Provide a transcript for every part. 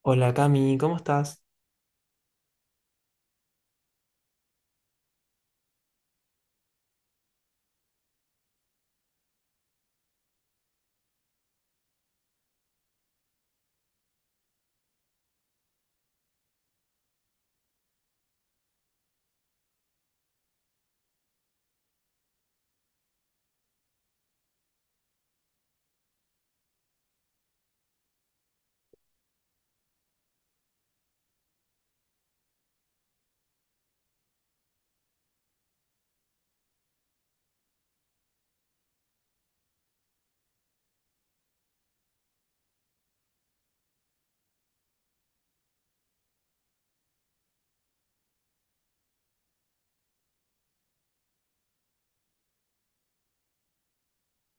Hola Cami, ¿cómo estás?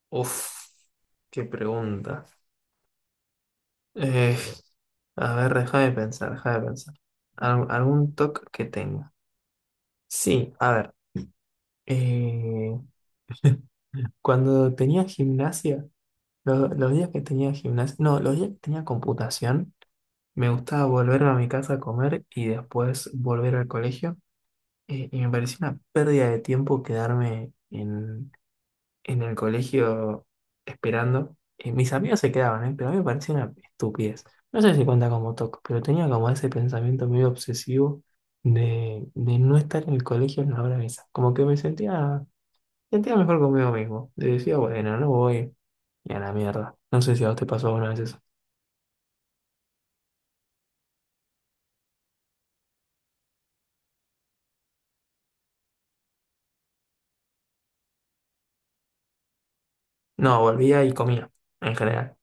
Uf, qué pregunta. Eh, a ver, déjame pensar, déjame pensar. Algún toque que tenga. Sí, a ver. eh, Cuando tenía gimnasia, los días que tenía gimnasia, no, los días que tenía computación, me gustaba volver a mi casa a comer y después volver al colegio. Y me parecía una pérdida de tiempo quedarme en el colegio esperando. Y mis amigos se quedaban, ¿eh? Pero a mí me parecía una estupidez. No sé si cuenta como TOC, pero tenía como ese pensamiento medio obsesivo de no estar en el colegio en la hora esa. Como que me sentía, sentía mejor conmigo mismo. Y decía, bueno, no voy. Y a la mierda. No sé si a vos te pasó alguna vez eso. No, volvía y comía, en general.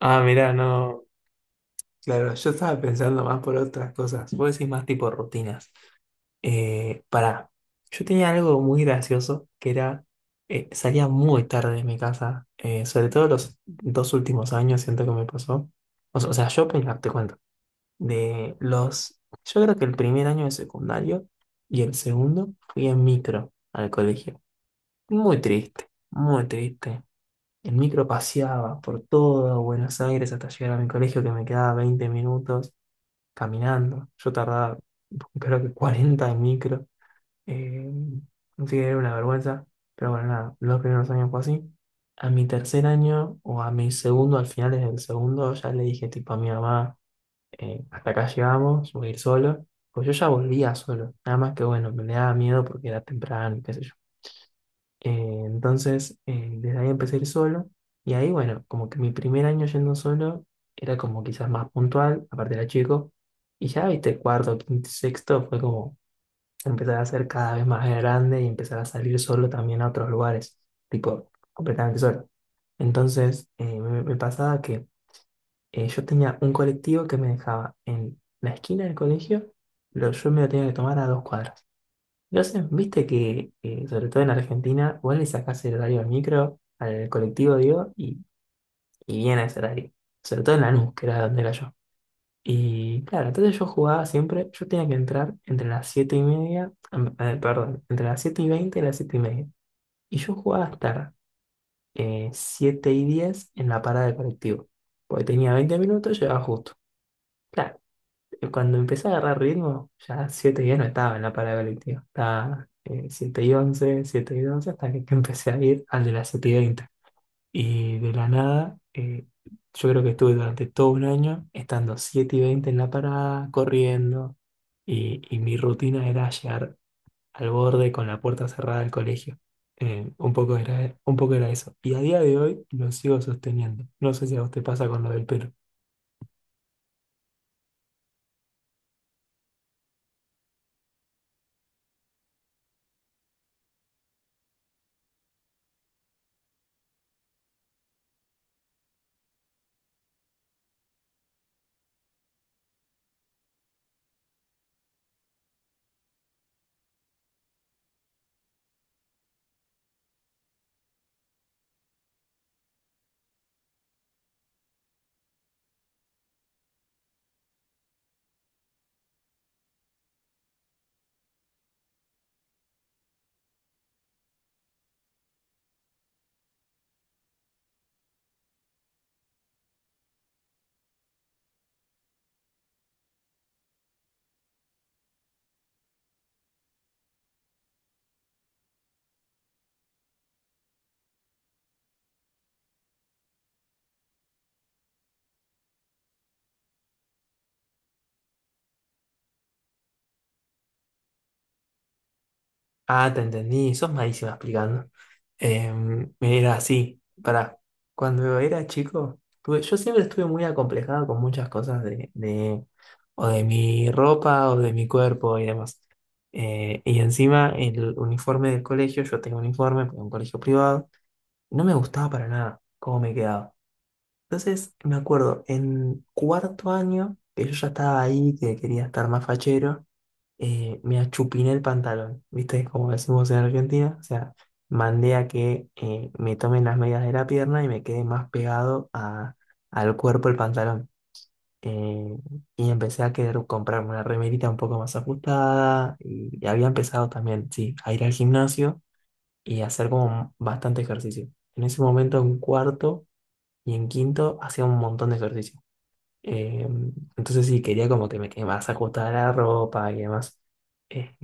Ah, mirá, no. Claro, yo estaba pensando más por otras cosas. Vos decís más tipo rutinas. Pará, yo tenía algo muy gracioso que era, salía muy tarde de mi casa, sobre todo los dos últimos años, siento que me pasó. O sea, yo, te cuento, de los, yo creo que el primer año de secundario y el segundo fui en micro al colegio. Muy triste, muy triste. El micro paseaba por todo Buenos Aires hasta llegar a mi colegio que me quedaba 20 minutos caminando. Yo tardaba creo que 40 en micro. Eh, Consideré una vergüenza, pero bueno, nada, los primeros años fue así. A mi tercer año o a mi segundo, al final del segundo, ya le dije tipo a mi mamá, hasta acá llegamos, voy a ir solo. Pues yo ya volvía solo, nada más que bueno, me daba miedo porque era temprano, y qué sé yo. Eh, entonces, desde ahí empecé a ir solo y ahí bueno, como que mi primer año yendo solo era como quizás más puntual, aparte era chico, y ya viste, cuarto, quinto, y sexto fue como empezar a ser cada vez más grande y empezar a salir solo también a otros lugares, tipo completamente solo. Entonces, me pasaba que yo tenía un colectivo que me dejaba en la esquina del colegio, yo me lo tenía que tomar a dos cuadras. Entonces, viste que, sobre todo en Argentina, vos le sacás el horario al micro, al colectivo, digo, y viene ese horario. Sobre todo en Lanús, que era donde era yo. Y claro, entonces yo jugaba siempre, yo tenía que entrar entre las 7 y media, perdón, entre las 7 y 20 y las 7 y media. Y yo jugaba hasta 7 y 10 en la parada del colectivo, porque tenía 20 minutos, llegaba justo. Claro, cuando empecé a agarrar ritmo, ya 7 y 10 no estaba en la parada del colectivo, estaba 7 y once, 7 y 12, hasta que que empecé a ir al de las 7 y 20 y de la nada, yo creo que estuve durante todo un año estando 7 y 20 en la parada, corriendo, y mi rutina era llegar al borde con la puerta cerrada del colegio. Un poco era, un poco era eso. Y a día de hoy lo sigo sosteniendo. No sé si a vos te pasa con lo del pelo. Ah, te entendí, sos malísima explicando. Mira, sí, para cuando era chico, yo siempre estuve muy acomplejado con muchas cosas de o de mi ropa o de mi cuerpo y demás. Y encima el uniforme del colegio, yo tengo uniforme, porque es un colegio privado, no me gustaba para nada cómo me quedaba. Entonces, me acuerdo, en cuarto año, que yo ya estaba ahí, que quería estar más fachero, me achupiné el pantalón, ¿viste? Como decimos en Argentina, o sea, mandé a que me tomen las medidas de la pierna y me quedé más al cuerpo el pantalón. Eh, y empecé a querer comprarme una remerita un poco más ajustada y había empezado también, sí, a ir al gimnasio y a hacer como bastante ejercicio. En ese momento, en cuarto y en quinto hacía un montón de ejercicio. Eh, entonces sí, quería como que me quemas ajustada la ropa y demás. Eh,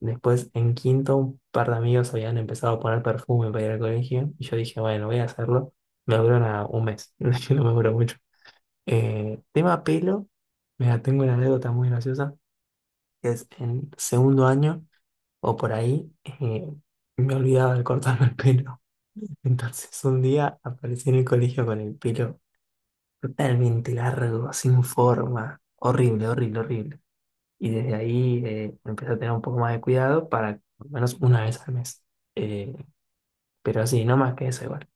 después en quinto un par de amigos habían empezado a poner perfume para ir al colegio y yo dije, bueno, voy a hacerlo. Me duró nada un mes, no me duró mucho. Tema pelo, mira, tengo una anécdota muy graciosa, que es en segundo año o por ahí, me olvidaba de cortarme el pelo. Entonces un día aparecí en el colegio con el pelo totalmente largo, sin forma. Horrible, horrible, horrible. Y desde ahí empecé a tener un poco más de cuidado para al menos una vez al mes. Eh, pero así, no más que eso igual.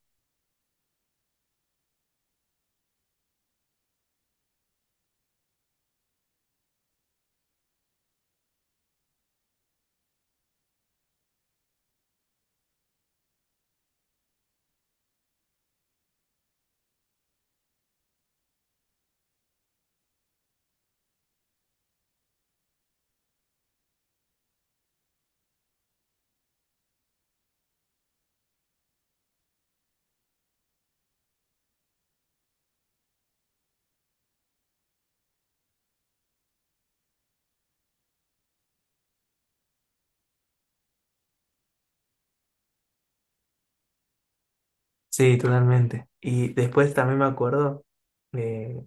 Sí, totalmente. Y después también me acuerdo eh,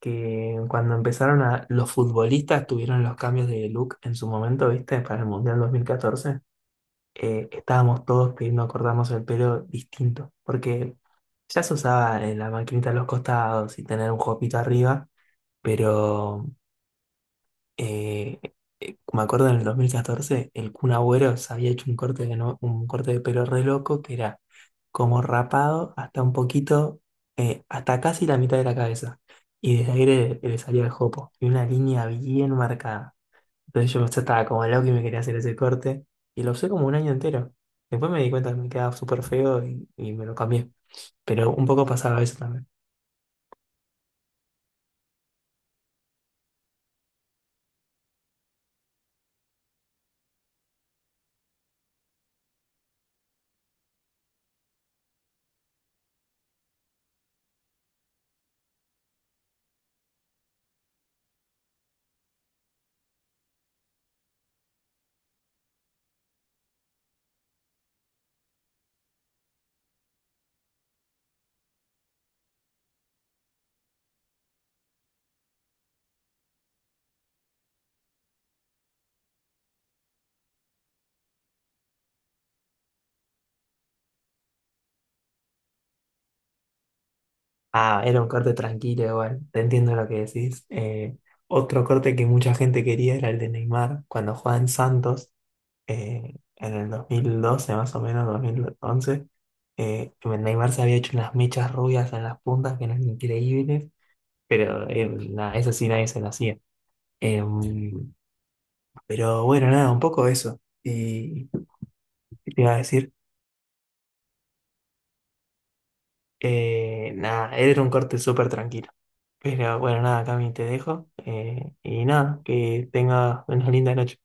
que cuando empezaron a... Los futbolistas tuvieron los cambios de look en su momento, ¿viste? Para el Mundial 2014. Estábamos todos pidiendo cortarnos el pelo distinto. Porque ya se usaba la maquinita a los costados y tener un jopito arriba. Pero eh, me acuerdo en el 2014 el Kun Agüero se había hecho un corte de, un corte de pelo re loco que era como rapado hasta un poquito, hasta casi la mitad de la cabeza. Y desde ahí le salía el jopo. Y una línea bien marcada. Entonces yo estaba como loco y me quería hacer ese corte. Y lo usé como un año entero. Después me di cuenta que me quedaba súper feo y me lo cambié. Pero un poco pasaba eso también. Ah, era un corte tranquilo igual, te entiendo lo que decís. Otro corte que mucha gente quería era el de Neymar, cuando jugaba en Santos, en el 2012 más o menos, dos mil once. Neymar se había hecho unas mechas rubias en las puntas que eran increíbles, pero nada, eso sí nadie se lo hacía. Em, pero bueno, nada, un poco eso. Y ¿qué te iba a decir, nada, era un corte súper tranquilo. Pero bueno, nada, Cami, te dejo. Y nada, que tengas una linda noche.